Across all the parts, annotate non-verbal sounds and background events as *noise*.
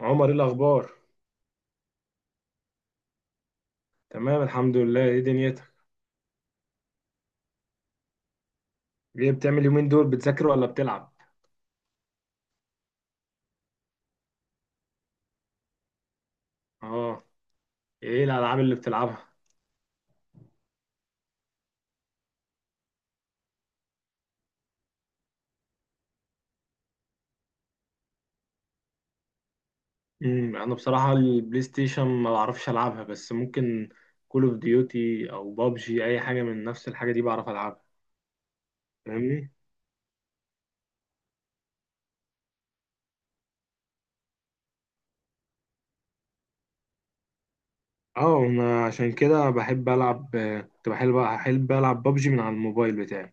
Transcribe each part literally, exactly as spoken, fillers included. عمر، ايه الاخبار؟ تمام الحمد لله. ايه دنيتك؟ ايه بتعمل يومين دول، بتذاكر ولا بتلعب؟ اه. ايه الالعاب اللي بتلعبها؟ امم انا بصراحه البلاي ستيشن ما بعرفش العبها، بس ممكن كول اوف ديوتي او بابجي، اي حاجه من نفس الحاجه دي بعرف العبها. فاهمني. اه، ما عشان كده بحب العب. آه، كنت بحب بحب العب بابجي من على الموبايل بتاعي.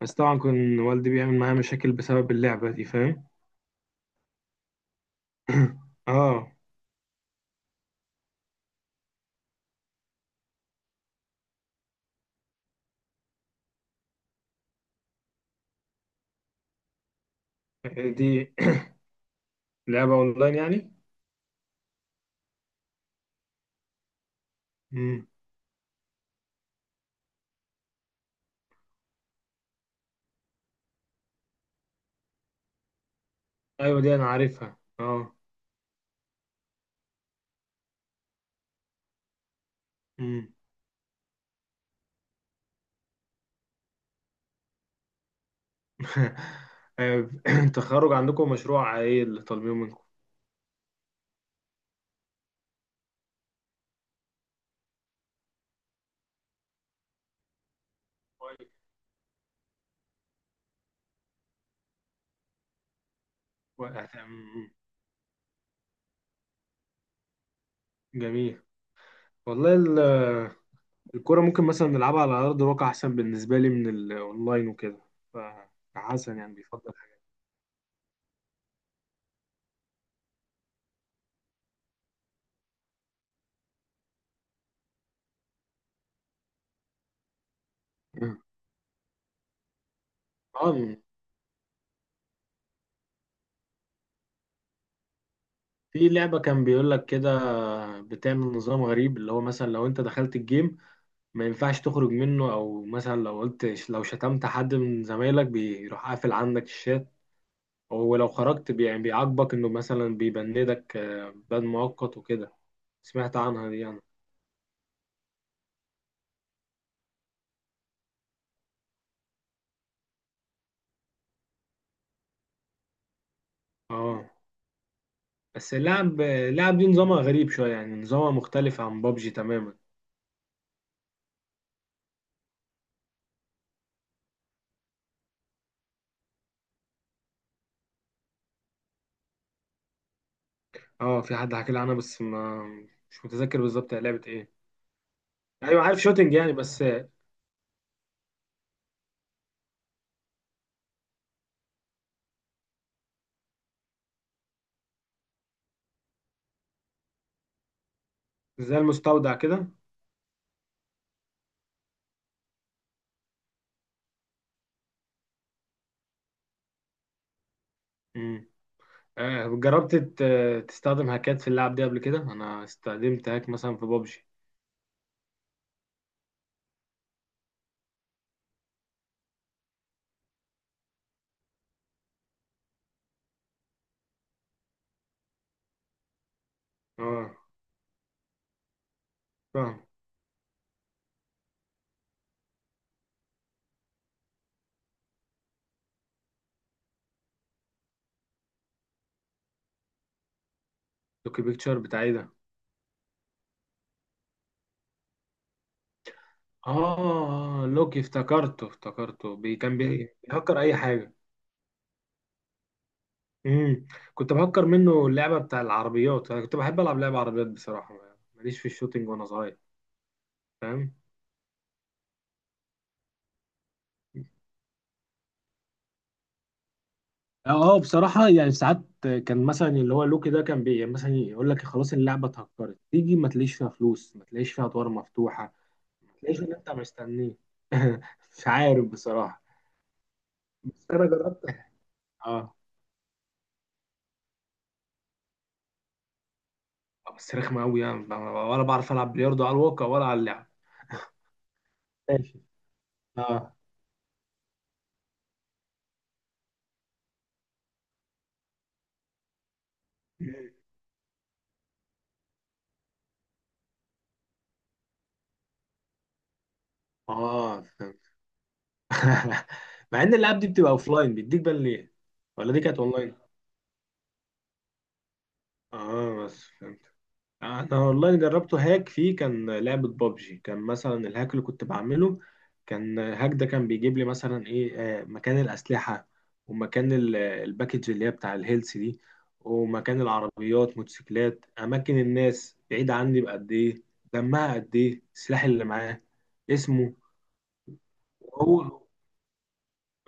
بس طبعا كان والدي بيعمل معايا مشاكل بسبب اللعبه دي، فاهم. *coughs* *laughs* اه. دي *clears throat* لعبه اونلاين يعني. مم. ايوه دي انا عارفها، اه. امم. *laughs* آه، *clears throat* التخرج عندكم مشروع ايه اللي طالبينه منكم؟ كويس. وقعت. أمم. جميل. والله ال- الكرة ممكن مثلا نلعبها على ارض الواقع احسن بالنسبة لي من الاونلاين وكده، فحسن يعني بيفضل حاجة. اه، في لعبة كان بيقول لك كده، بتعمل نظام غريب اللي هو مثلا لو انت دخلت الجيم ما ينفعش تخرج منه. او مثلا لو قلت، لو شتمت حد من زمايلك بيروح قافل عندك الشات. ولو خرجت بي- يعني بيعاقبك انه مثلا بيبندك، آه، بند مؤقت وكده. سمعت عنها دي انا، اه. بس اللعب اللعب دي نظامها غريب شوية، يعني نظامها مختلف عن بابجي تماما. اه في حد حكى لي عنها، بس ما مش متذكر بالظبط هي لعبة ايه. ايوه عارف، شوتينج يعني، بس زي المستودع كده. امم. آه، جربت ت- تستخدم هاكات في اللعب دي قبل كده؟ انا استخدمت هاك مثلا في بابجي. اه، فاهم. لوكي بيكتشر بتاعي ده؟ اه، لوكي، افتكرته افتكرته. بي كان بي- بيهكر اي حاجه. امم. كنت بهكر منه اللعبه بتاع العربيات. انا كنت بحب العب لعبه عربيات بصراحه، ماليش في الشوتينج وانا صغير. فاهم. اه بصراحة يعني ساعات كان مثلا اللي هو لوكي ده كان بي يعني مثلا يقول لك خلاص اللعبة اتهكرت، تيجي ما تلاقيش فيها فلوس، ما تلاقيش فيها أدوار مفتوحة، ما تلاقيش اللي أنت مستنيه. *laughs* مش عارف بصراحة، بس أنا جربت. اه، بس رخمة أوي يعني ب- ولا بعرف ألعب بلياردو على الواقع ولا على اللعب. ماشي. اه. اه، فهمت. *laughs* مع ان الالعاب دي بتبقى اوفلاين، بيديك بان ليه؟ ولا دي كانت اونلاين؟ اه، بس فهمت. انا اونلاين جربته هاك فيه، كان لعبة بابجي. كان مثلا الهاك اللي كنت بعمله، كان هاك ده كان بيجيب لي مثلا ايه، آه، مكان الاسلحة، ومكان ال- الباكج اللي هي بتاع الهيلث دي، ومكان العربيات موتوسيكلات، اماكن الناس بعيد عني بقد ايه، دمها قد ايه، السلاح اللي معاه اسمه. هو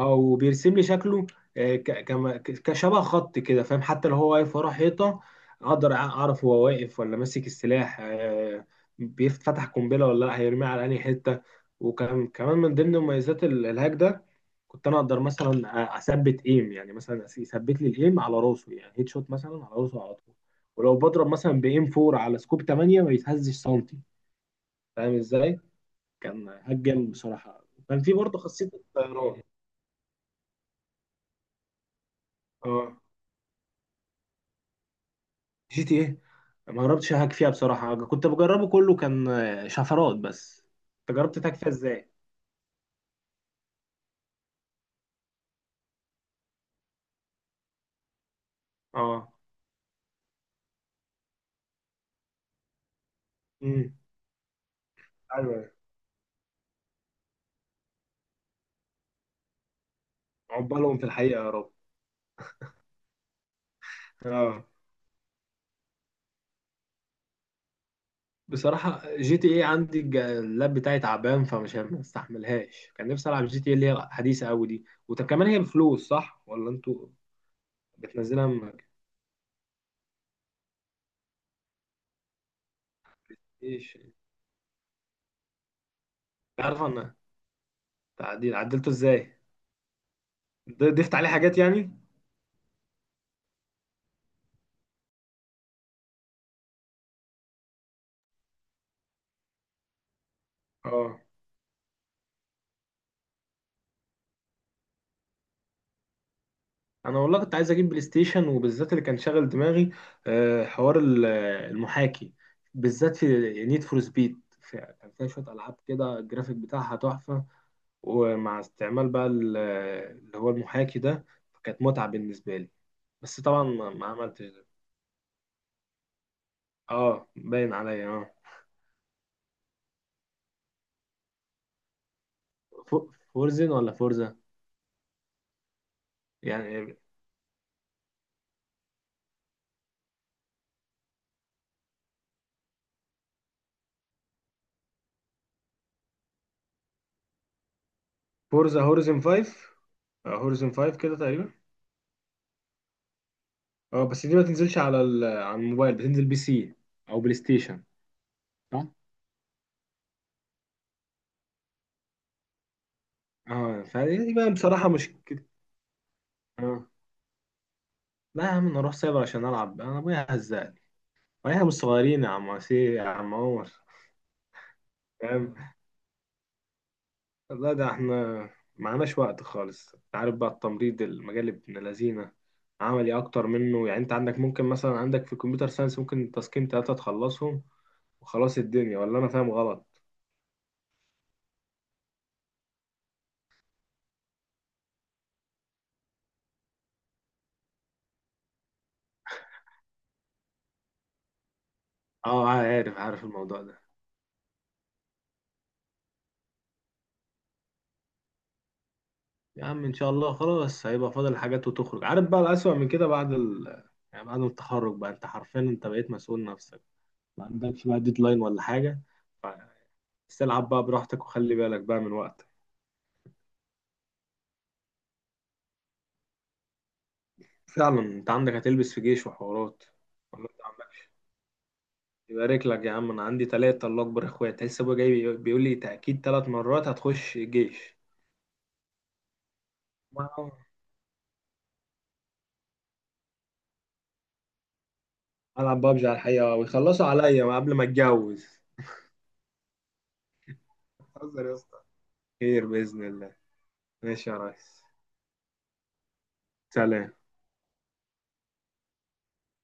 او بيرسم لي شكله، آه، ك- كما- ك- كشبه خط كده فاهم. حتى لو هو واقف ورا حيطه اقدر أع- اعرف هو واقف ولا ماسك السلاح، آه، بيفتح قنبله ولا لا، هيرميها على انهي حته. وكمان كمان من ضمن مميزات ال- الهاك ده، كنت انا اقدر مثلا أ- اثبت ايم، يعني مثلا أس- يثبت لي الايم على راسه، يعني هيد شوت مثلا على راسه على طول. ولو بضرب مثلا بايم اربعة على سكوب تمانية ما بيتهزش سنتي، فاهم ازاي؟ كان هاك جامد بصراحه. كان في برضه خاصيه الطيران. اه، جي تي ايه. ما جربتش اهاك فيها بصراحه. كنت بجربه كله كان آه، شفرات بس. انت جربت تهاك فيها ازاي؟ اه. امم. ايوه. عقبالهم في الحقيقه يا رب. اه، بصراحه جي تي ايه عندي الج- اللاب بتاعي تعبان فمش ما استحملهاش. كان نفسي العب جي تي ايه اللي هي حديثه قوي دي. وكمان هي بفلوس صح، ولا انتوا بتنزلها؟ ما ايش؟ عارف انا. تعديل، عدلته ازاي؟ ض- ضفت عليه حاجات يعني؟ اه، انا والله كنت عايز اجيب بلاي ستيشن، وبالذات اللي كان شاغل دماغي آه، حوار ال- المحاكي، بالذات في نيد فور سبيد. كان فيها شويه العاب كده الجرافيك بتاعها تحفه، ومع استعمال بقى ال- اللي هو المحاكي ده، فكانت متعه بالنسبه لي. بس طبعا ما ما عملتش ده. اه، باين عليا اه. فو- فورزن ولا فورزا؟ يعني فورزا هورزن خمسة، هورزن خمسة كده تقريبا. اه، بس دي ما تنزلش على ال- على الموبايل، بتنزل بي سي او بلاي ستيشن. صح. اه فهي دي بقى بصراحة مشكلة. اه، لا يا عم، انا اروح سايبر عشان العب؟ انا ابويا هزقني. واحنا مش صغيرين يا عم، عسير يا عم عمر، فاهم. لا ده احنا معناش وقت خالص. انت عارف بقى التمريض، المجال ابن لذينه، عملي اكتر منه. يعني انت عندك ممكن مثلا عندك في الكمبيوتر ساينس ممكن تاسكين تلاتة تخلصهم وخلاص الدنيا، ولا انا فاهم غلط؟ اه، عارف عارف الموضوع ده. يا عم ان شاء الله خلاص، هيبقى فاضل حاجات وتخرج. عارف بقى الأسوأ من كده بعد ال... يعني بعد التخرج بقى، انت حرفيا انت بقيت مسؤول نفسك. ما عندكش بقى ديدلاين ولا حاجة. بس العب بقى براحتك وخلي بالك بقى من وقتك. فعلا انت عندك هتلبس في جيش وحوارات؟ ولا انت عندكش؟ يبارك لك يا عم. انا عندي تلاتة الله اكبر اخوات، لسه ابويا جاي بيقول لي تأكيد تلات مرات هتخش الجيش. ما- العب بابجي على الحقيقة، ويخلصوا عليا قبل ما اتجوز. بتهزر يا اسطى؟ خير بإذن الله. ماشي يا ريس. سلام.